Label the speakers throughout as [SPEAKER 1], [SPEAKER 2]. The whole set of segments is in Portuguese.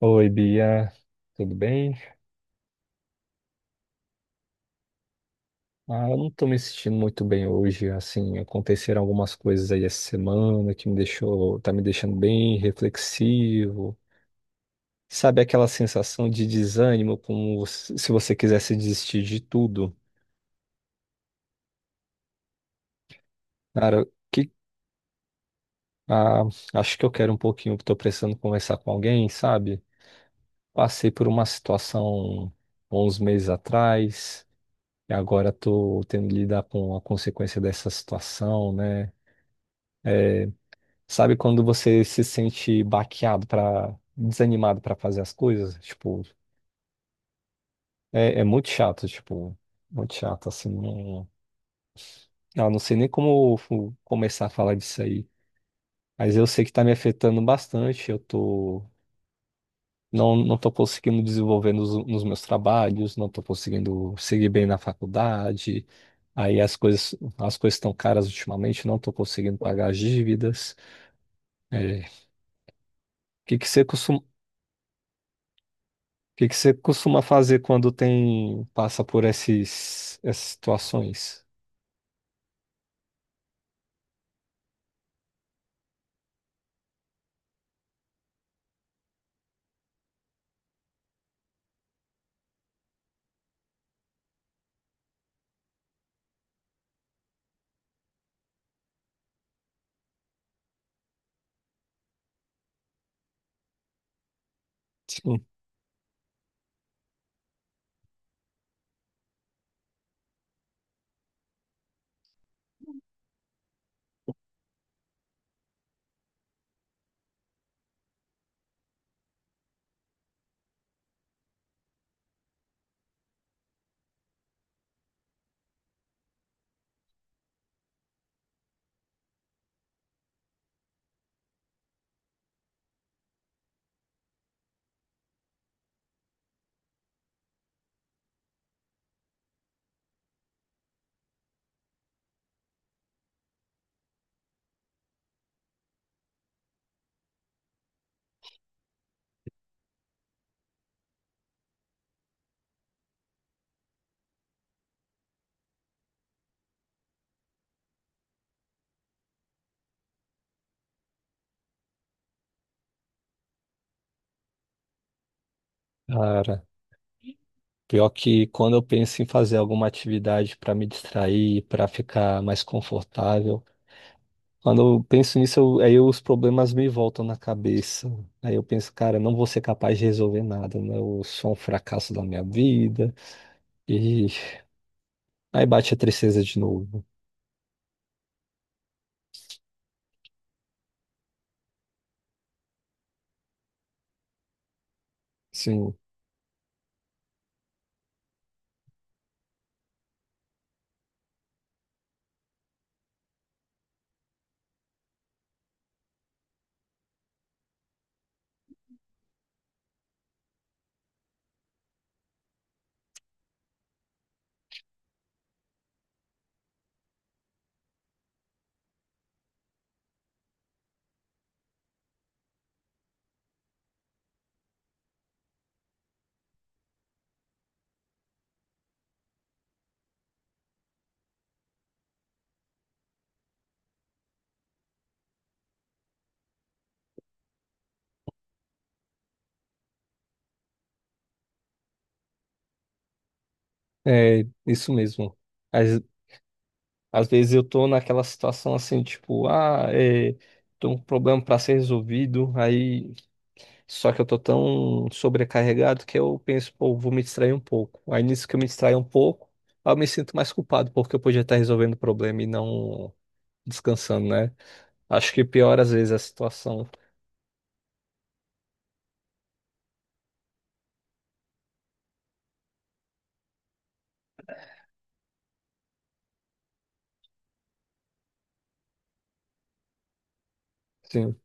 [SPEAKER 1] Oi, Bia, tudo bem? Ah, eu não tô me sentindo muito bem hoje, assim, aconteceram algumas coisas aí essa semana que tá me deixando bem reflexivo. Sabe aquela sensação de desânimo, como se você quisesse desistir de tudo? Cara, que, ah, acho que eu quero um pouquinho, tô precisando conversar com alguém, sabe? Passei por uma situação uns meses atrás, e agora tô tendo que lidar com a consequência dessa situação, né? Sabe quando você se sente baqueado para desanimado para fazer as coisas? Tipo, é muito chato, tipo, muito chato, assim. Não, eu não sei nem começar a falar disso aí. Mas eu sei que tá me afetando bastante. Não, não tô conseguindo desenvolver nos meus trabalhos, não tô conseguindo seguir bem na faculdade. Aí as coisas estão caras ultimamente, não tô conseguindo pagar as dívidas. É, o que que você costuma fazer quando tem passa por essas situações? Sim. Cara, pior que quando eu penso em fazer alguma atividade para me distrair, para ficar mais confortável, quando eu penso nisso, aí os problemas me voltam na cabeça. Aí eu penso, cara, não vou ser capaz de resolver nada, né? Eu sou um fracasso da minha vida. E aí bate a tristeza de novo. Sim, é isso mesmo. Às vezes eu tô naquela situação assim, tipo, tô com um problema para ser resolvido, aí só que eu tô tão sobrecarregado que eu penso, pô, vou me distrair um pouco. Aí nisso que eu me distraio um pouco, aí eu me sinto mais culpado, porque eu podia estar resolvendo o problema e não descansando, né? Acho que piora às vezes a situação. Sim.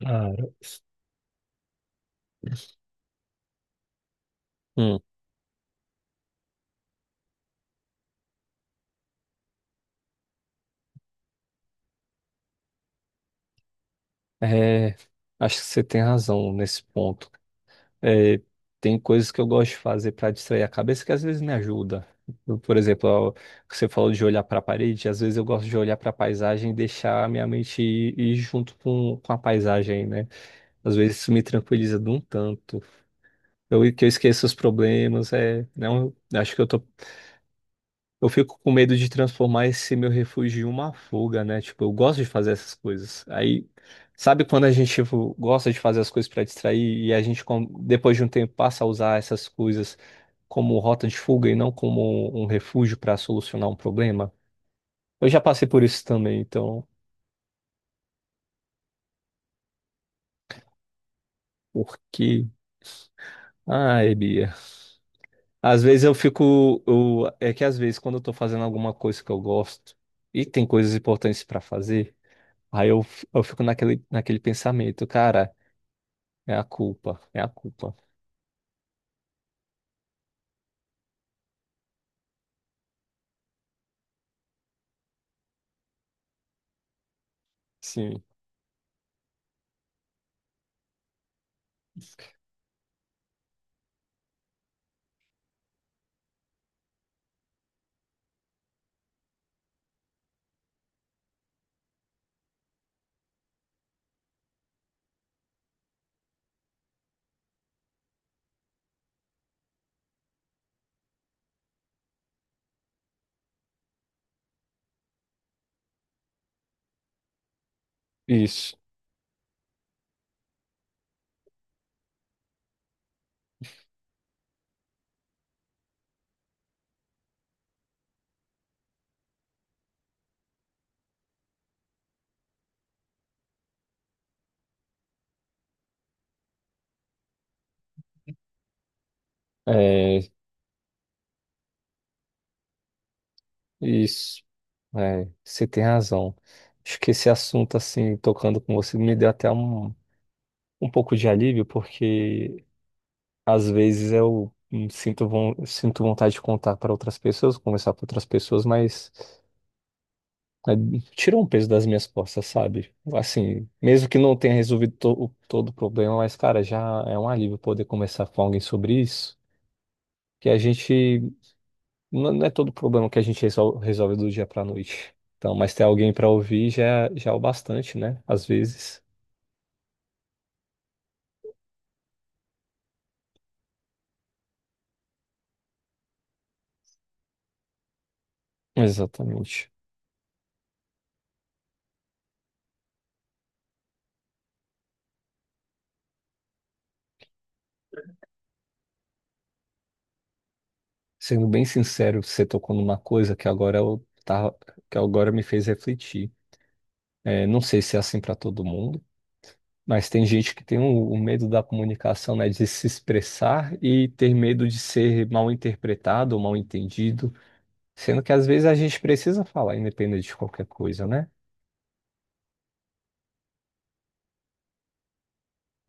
[SPEAKER 1] Cara, Hum, é, acho que você tem razão nesse ponto. É, tem coisas que eu gosto de fazer para distrair a cabeça que às vezes me ajuda. Por exemplo, ó, você falou de olhar para a parede, às vezes eu gosto de olhar para a paisagem e deixar a minha mente ir junto com a paisagem, né? Às vezes isso me tranquiliza de um tanto. Que eu esqueço os problemas, é, não, acho que eu tô eu fico com medo de transformar esse meu refúgio em uma fuga, né? Tipo, eu gosto de fazer essas coisas. Aí, sabe quando a gente, tipo, gosta de fazer as coisas para distrair e depois de um tempo, passa a usar essas coisas como rota de fuga e não como um refúgio para solucionar um problema? Eu já passei por isso também, então, porque. Ai, Bia. Às vezes eu fico. Eu- É que às vezes, quando eu tô fazendo alguma coisa que eu gosto e tem coisas importantes para fazer. Aí eu fico naquele pensamento, cara, é a culpa, é a culpa. Sim, isso, é, isso, é, você tem razão. Acho que esse assunto, assim, tocando com você, me deu até um pouco de alívio, porque às vezes eu sinto vontade de contar para outras pessoas, conversar com outras pessoas, mas é, tira um peso das minhas costas, sabe? Assim, mesmo que não tenha resolvido todo o problema, mas, cara, já é um alívio poder conversar com alguém sobre isso, que a gente. Não, não é todo problema que a gente resolve do dia pra noite. Então, mas ter alguém pra ouvir já, já é o bastante, né? Às vezes. Exatamente. Sendo bem sincero, você tocou numa coisa que agora me fez refletir. É, não sei se é assim pra todo mundo, mas tem gente que tem o medo da comunicação, né? De se expressar e ter medo de ser mal interpretado ou mal entendido. Sendo que às vezes a gente precisa falar, independente de qualquer coisa, né?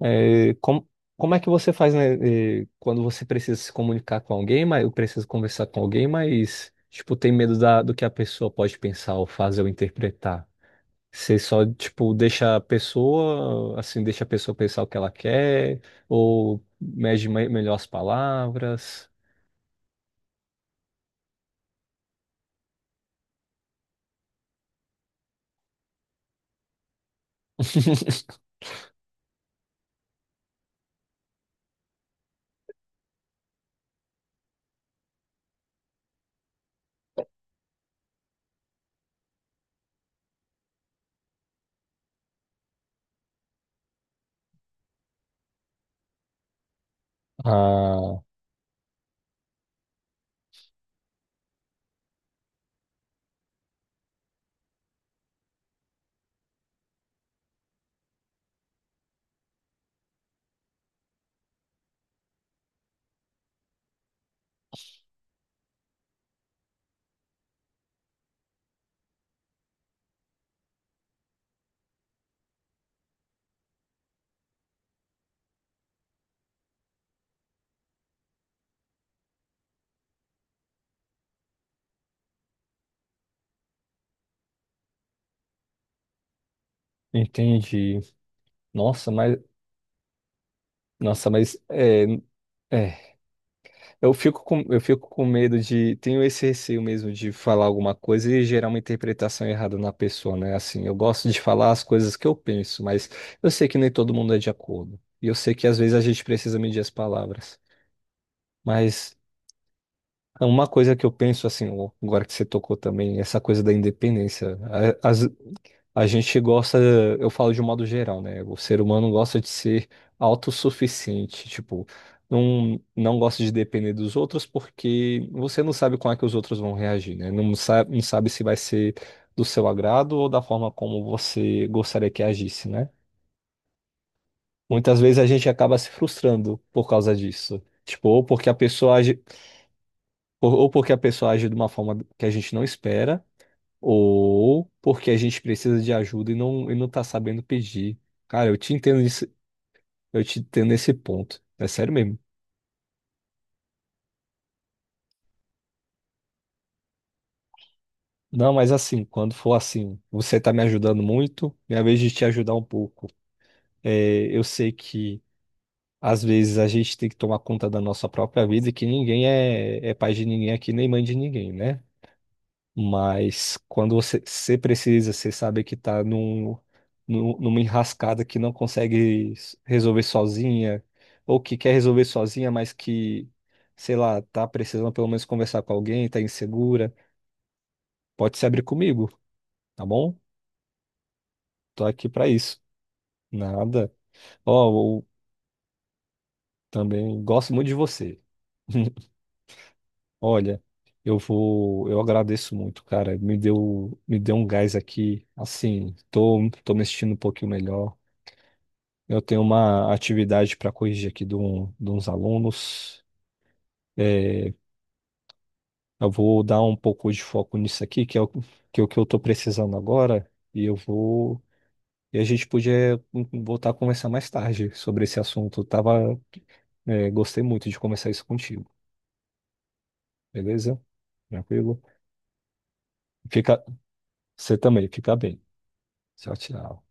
[SPEAKER 1] É, como é que você faz, né, é, quando você precisa se comunicar com alguém, mas eu preciso conversar com alguém, mas, tipo, tem medo do que a pessoa pode pensar ou fazer ou interpretar? Você só, tipo, deixa a pessoa pensar o que ela quer, ou melhor as palavras? Ah, entendi. Nossa, mas, nossa, mas, é. Eu fico eu fico com medo de. Tenho esse receio mesmo de falar alguma coisa e gerar uma interpretação errada na pessoa, né? Assim, eu gosto de falar as coisas que eu penso, mas eu sei que nem todo mundo é de acordo. E eu sei que às vezes a gente precisa medir as palavras. Mas uma coisa que eu penso, assim, ó, agora que você tocou também, essa coisa da independência. A- Às, a gente gosta, eu falo de um modo geral, né? O ser humano gosta de ser autossuficiente, tipo, não gosta de depender dos outros porque você não sabe como é que os outros vão reagir, né? Não sabe se vai ser do seu agrado ou da forma como você gostaria que agisse, né? Muitas vezes a gente acaba se frustrando por causa disso. Tipo, ou porque a pessoa age de uma forma que a gente não espera ou porque a gente precisa de ajuda e não tá sabendo pedir. Cara, eu te entendo nisso, eu te entendo nesse ponto. É sério mesmo. Não, mas assim, quando for assim, você tá me ajudando muito, minha vez de te ajudar um pouco. É, eu sei que às vezes a gente tem que tomar conta da nossa própria vida e que ninguém é pai de ninguém aqui, nem mãe de ninguém, né? Mas quando você precisa, você sabe que tá numa enrascada que não consegue resolver sozinha, ou que quer resolver sozinha, mas que, sei lá, tá precisando pelo menos conversar com alguém, tá insegura, pode se abrir comigo, tá bom? Tô aqui pra isso. Nada. Ó, eu também gosto muito de você. Olha, eu agradeço muito, cara. Me deu um gás aqui. Assim, tô me sentindo um pouquinho melhor. Eu tenho uma atividade para corrigir aqui de uns alunos. Eu vou dar um pouco de foco nisso aqui, que é é o que eu estou precisando agora. E eu vou. E a gente podia voltar a conversar mais tarde sobre esse assunto. Gostei muito de conversar isso contigo, beleza? Tranquilo? Fica, você também, fica bem. Tchau, tchau.